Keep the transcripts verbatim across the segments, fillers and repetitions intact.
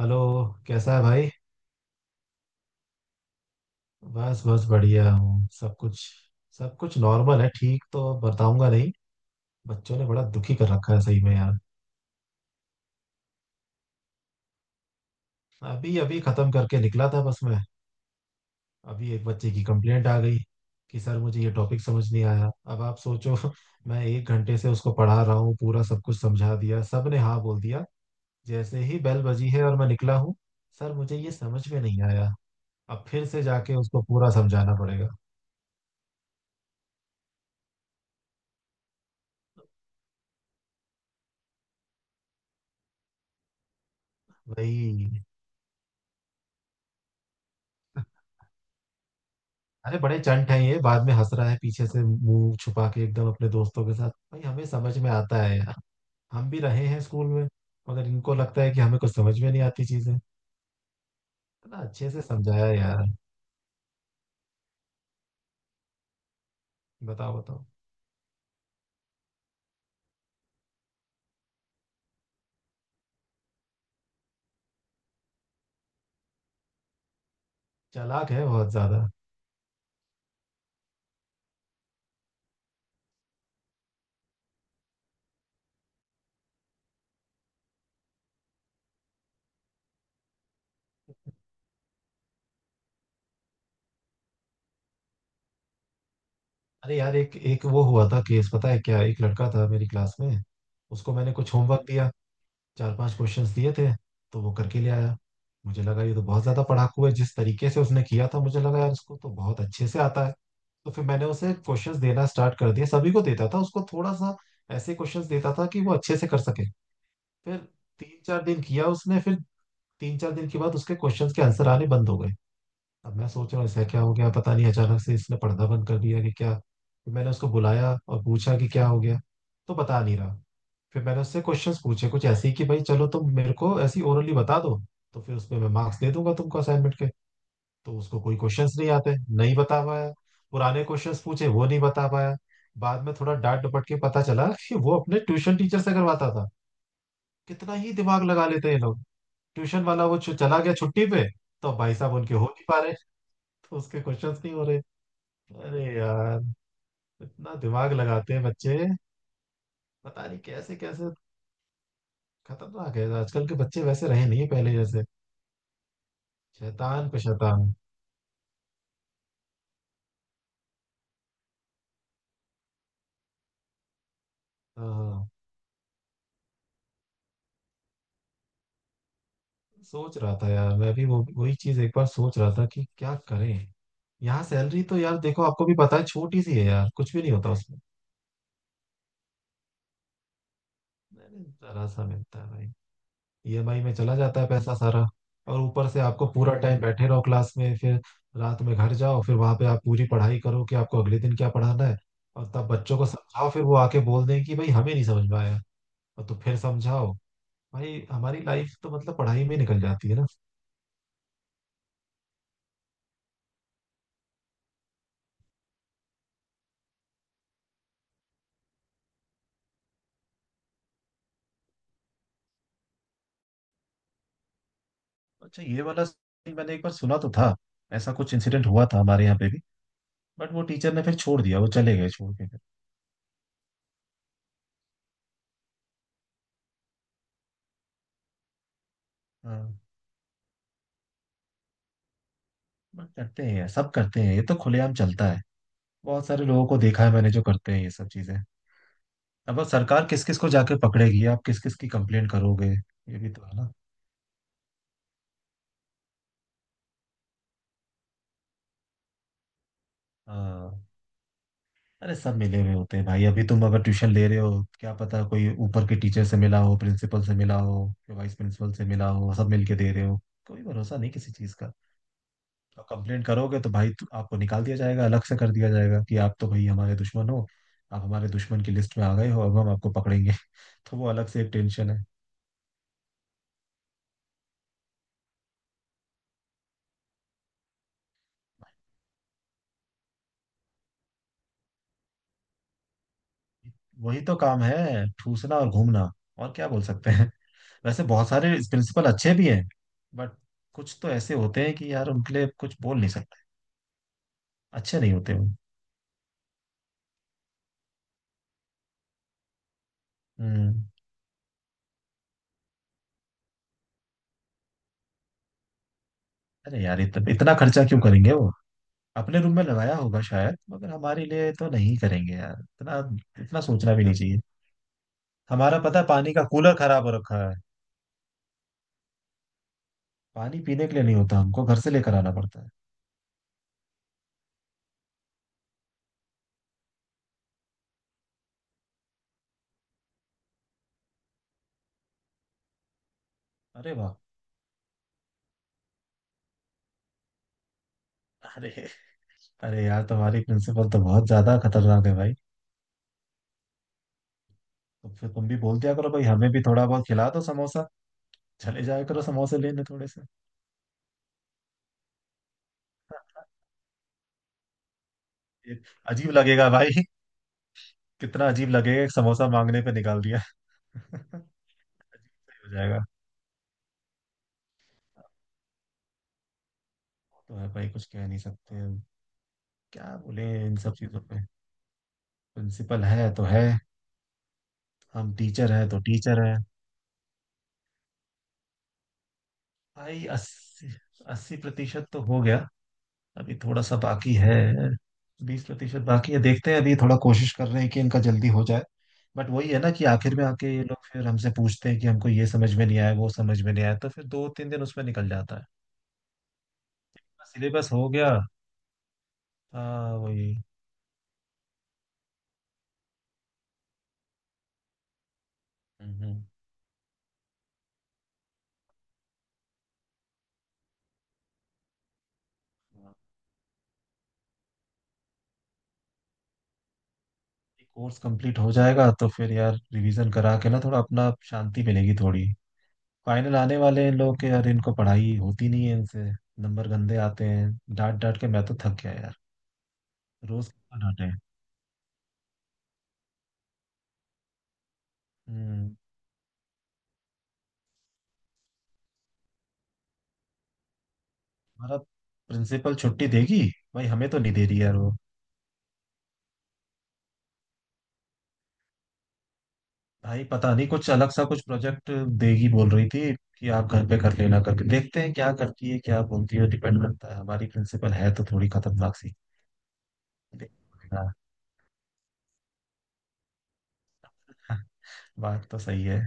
Hello. कैसा है भाई? बस बस बढ़िया हूँ, सब कुछ सब कुछ नॉर्मल है, ठीक तो बताऊंगा नहीं। बच्चों ने बड़ा दुखी कर रखा है सही में यार। अभी अभी खत्म करके निकला था बस मैं। अभी एक बच्चे की कंप्लेंट आ गई कि सर मुझे ये टॉपिक समझ नहीं आया, अब आप सोचो। मैं एक घंटे से उसको पढ़ा रहा हूँ, पूरा सब कुछ समझा दिया, सब ने हाँ बोल दिया। जैसे ही बेल बजी है और मैं निकला हूँ, सर मुझे ये समझ में नहीं आया। अब फिर से जाके उसको पूरा समझाना पड़ेगा। वही। अरे बड़े चंट हैं ये, बाद में हंस रहा है पीछे से मुंह छुपा के एकदम अपने दोस्तों के साथ, भाई हमें समझ में आता है यार। हम भी रहे हैं स्कूल में, मगर इनको लगता है कि हमें कुछ समझ में नहीं आती चीजें। इतना अच्छे से समझाया यार। बताओ बताओ। चालाक है बहुत ज्यादा। अरे यार एक एक वो हुआ था केस, पता है क्या, एक लड़का था मेरी क्लास में, उसको मैंने कुछ होमवर्क दिया। चार पांच क्वेश्चंस दिए थे। तो वो करके ले आया। मुझे लगा ये तो बहुत ज्यादा पढ़ाकू है, जिस तरीके से उसने किया था मुझे लगा यार इसको तो बहुत अच्छे से आता है। तो फिर मैंने उसे क्वेश्चंस देना स्टार्ट कर दिया, सभी को देता था, उसको थोड़ा सा ऐसे क्वेश्चंस देता था कि वो अच्छे से कर सके। फिर तीन चार दिन किया उसने। फिर तीन चार दिन के बाद उसके क्वेश्चंस के आंसर आने बंद हो गए। अब मैं सोच रहा हूँ ऐसा क्या हो गया, पता नहीं अचानक से इसने पढ़ना बंद कर दिया कि क्या। फिर मैंने उसको बुलाया और पूछा कि क्या हो गया। तो बता नहीं रहा। फिर मैंने उससे क्वेश्चंस पूछे कुछ ऐसे ही कि भाई चलो तुम मेरे को ऐसी ओरली बता दो, तो फिर उसमें मैं मार्क्स दे दूंगा तुमको असाइनमेंट के। तो उसको कोई क्वेश्चंस नहीं आते, नहीं बता पाया। पुराने क्वेश्चंस पूछे वो नहीं बता पाया। बाद में थोड़ा डांट डपट के पता चला कि वो अपने ट्यूशन टीचर से करवाता था। कितना ही दिमाग लगा लेते हैं ये लोग। ट्यूशन वाला वो छु- चला गया छुट्टी पे, तो अब भाई साहब उनके हो नहीं पा रहे, तो उसके क्वेश्चंस नहीं हो रहे। अरे यार, इतना दिमाग लगाते हैं बच्चे। पता नहीं कैसे कैसे। खतरनाक है आजकल के बच्चे, वैसे रहे नहीं पहले जैसे। शैतान पे शैतान। हाँ, सोच रहा था यार मैं भी वो वही चीज, एक बार सोच रहा था कि क्या करें। यहाँ सैलरी तो यार देखो आपको भी पता है छोटी सी है यार, कुछ भी नहीं होता उसमें। मैंने जरा सा मिलता है भाई, ईएमआई में चला जाता है पैसा सारा। और ऊपर से आपको पूरा टाइम बैठे रहो क्लास में, फिर रात में घर जाओ, फिर वहां पे आप पूरी पढ़ाई करो कि आपको अगले दिन क्या पढ़ाना है। और तब बच्चों को समझाओ, फिर वो आके बोल दें कि भाई हमें नहीं समझ में आया। और तो फिर समझाओ। भाई हमारी लाइफ तो मतलब पढ़ाई में निकल जाती है ना। अच्छा, ये वाला सीन मैंने एक बार सुना तो था। ऐसा कुछ इंसिडेंट हुआ था हमारे यहाँ पे भी। बट वो टीचर ने फिर छोड़ दिया, वो चले गए छोड़ के फिर। हाँ। बट करते हैं यार, सब करते हैं, ये तो खुलेआम चलता है। बहुत सारे लोगों को देखा है मैंने जो करते हैं ये सब चीजें। अब अब सरकार किस किस को जाके पकड़ेगी, आप किस किस की कंप्लेंट करोगे, ये भी तो है ना। हाँ। अरे सब मिले हुए होते हैं भाई, अभी तुम अगर ट्यूशन ले रहे हो क्या पता कोई ऊपर के टीचर से मिला हो, प्रिंसिपल से मिला हो, वाइस प्रिंसिपल से मिला हो, सब मिलके दे रहे हो। कोई भरोसा नहीं किसी चीज का। तो कंप्लेंट करोगे तो भाई तु- आपको निकाल दिया जाएगा, अलग से कर दिया जाएगा कि आप तो भाई हमारे दुश्मन हो। आप हमारे दुश्मन की लिस्ट में आ गए हो, अब हम आपको पकड़ेंगे। तो वो अलग से एक टेंशन है। वही तो काम है, ठूसना और घूमना। और क्या बोल सकते हैं? वैसे बहुत सारे प्रिंसिपल अच्छे भी हैं, बट कुछ तो ऐसे होते हैं कि यार उनके लिए कुछ बोल नहीं सकते। अच्छे नहीं होते वो। हम्म। अरे यार इतना इतना खर्चा क्यों करेंगे वो? अपने रूम में लगाया होगा शायद, मगर हमारे लिए तो नहीं करेंगे यार इतना। इतना सोचना भी नहीं चाहिए। हमारा पता है पानी का कूलर खराब हो रखा है। पानी पीने के लिए नहीं होता, हमको घर से लेकर आना पड़ता है। अरे वाह। अरे। अरे यार तुम्हारी प्रिंसिपल तो बहुत ज्यादा खतरनाक है भाई। तो फिर तुम भी बोल दिया करो भाई हमें भी थोड़ा बहुत खिला दो समोसा। चले जाया करो समोसे लेने थोड़े से। ये अजीब लगेगा भाई। कितना अजीब लगेगा, एक समोसा मांगने पे निकाल दिया। अजीब सा ही हो जाएगा। तो है भाई कुछ कह नहीं सकते हम। क्या बोले इन सब चीजों पे? प्रिंसिपल है तो है, हम टीचर है तो टीचर है। भाई अस्सी अस्सी प्रतिशत तो हो गया। अभी थोड़ा सा बाकी है। बीस प्रतिशत बाकी है, देखते हैं, अभी थोड़ा कोशिश कर रहे हैं कि इनका जल्दी हो जाए। बट वही है ना कि आखिर में आके ये लोग फिर हमसे पूछते हैं कि हमको ये समझ में नहीं आया वो समझ में नहीं आया, तो फिर दो तीन दिन उसमें निकल जाता है। सिलेबस हो गया। हाँ वही। हम्म। कोर्स कंप्लीट हो जाएगा तो फिर यार रिवीजन करा के ना थोड़ा अपना शांति मिलेगी थोड़ी। फाइनल आने वाले हैं लोग के यार, इनको पढ़ाई होती नहीं है इनसे। नंबर गंदे आते हैं। डांट डांट के मैं तो थक गया यार, रोज कितना डांटे? हम्म। हमारा प्रिंसिपल छुट्टी देगी? भाई हमें तो नहीं दे रही यार वो। भाई पता नहीं कुछ अलग सा कुछ प्रोजेक्ट देगी बोल रही थी, कि आप घर पे कर लेना। करके देखते हैं क्या करती है क्या बोलती है, डिपेंड करता है, हमारी प्रिंसिपल है तो थोड़ी खतरनाक सी। देखना पड़ेगा। बात तो सही है।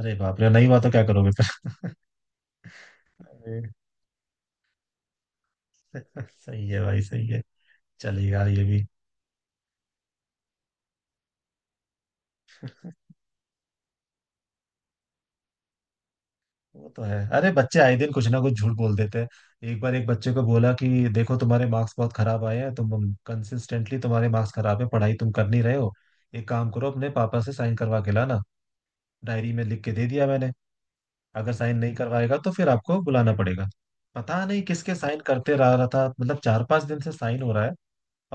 अरे बाप रे, नहीं हुआ तो क्या करोगे फिर? अरे, सही है भाई सही है। चलेगा ये भी। वो तो है, अरे बच्चे आए दिन कुछ ना कुछ झूठ बोल देते हैं। एक बार एक बच्चे को बोला कि देखो तुम्हारे मार्क्स बहुत खराब आए हैं, तुम कंसिस्टेंटली तुम्हारे मार्क्स खराब है, पढ़ाई तुम कर नहीं रहे हो, एक काम करो अपने पापा से साइन करवा के लाना। डायरी में लिख के दे दिया मैंने। अगर साइन नहीं करवाएगा तो फिर आपको बुलाना पड़ेगा। पता नहीं किसके साइन करते रह रहा था, मतलब चार पांच दिन से साइन हो रहा है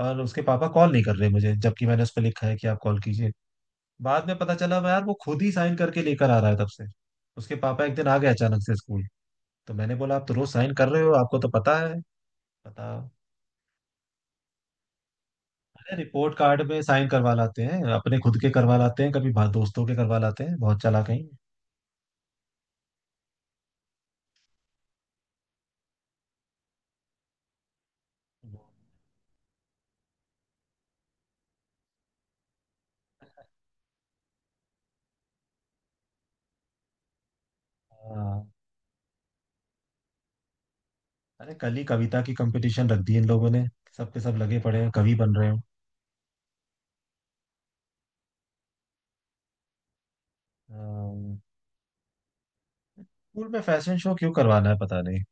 और उसके पापा कॉल नहीं कर रहे मुझे, जबकि मैंने उस पर लिखा है कि आप कॉल कीजिए। बाद में पता चला यार वो खुद ही साइन करके लेकर आ रहा है तब से। उसके पापा एक दिन आ गए अचानक से स्कूल। तो मैंने बोला आप तो रोज साइन कर रहे हो आपको तो पता है, बताओ। अरे रिपोर्ट कार्ड में साइन करवा लाते हैं अपने खुद के करवा लाते हैं, कभी भा- दोस्तों के करवा लाते हैं, बहुत चालाक हैं ये। हाँ। अरे कल ही कविता की कंपटीशन रख दी इन लोगों ने, सबके सब लगे पड़े हैं कवि बन रहे हो। हाँ, स्कूल में फैशन शो क्यों करवाना है पता नहीं।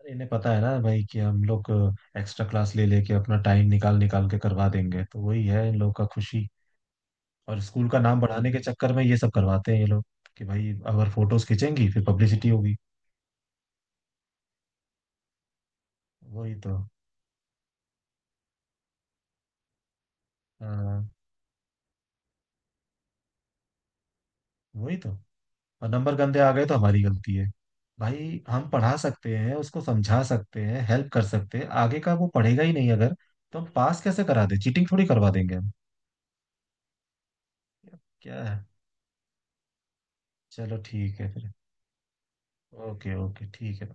अरे इन्हें पता है ना भाई कि हम लोग एक्स्ट्रा क्लास ले लेके अपना टाइम निकाल निकाल के करवा देंगे, तो वही है इन लोग का खुशी। और स्कूल का नाम बढ़ाने के चक्कर में ये सब करवाते हैं ये लोग, कि भाई अगर फोटोज खींचेंगी फिर पब्लिसिटी होगी। वही तो। हाँ, वही तो। और नंबर गंदे आ गए तो हमारी गलती है। भाई हम पढ़ा सकते हैं, उसको समझा सकते हैं, हेल्प कर सकते हैं, आगे का वो पढ़ेगा ही नहीं अगर। तो हम पास कैसे करा दे? चीटिंग थोड़ी करवा देंगे हम। क्या है? चलो ठीक है फिर। ओके ओके ठीक है।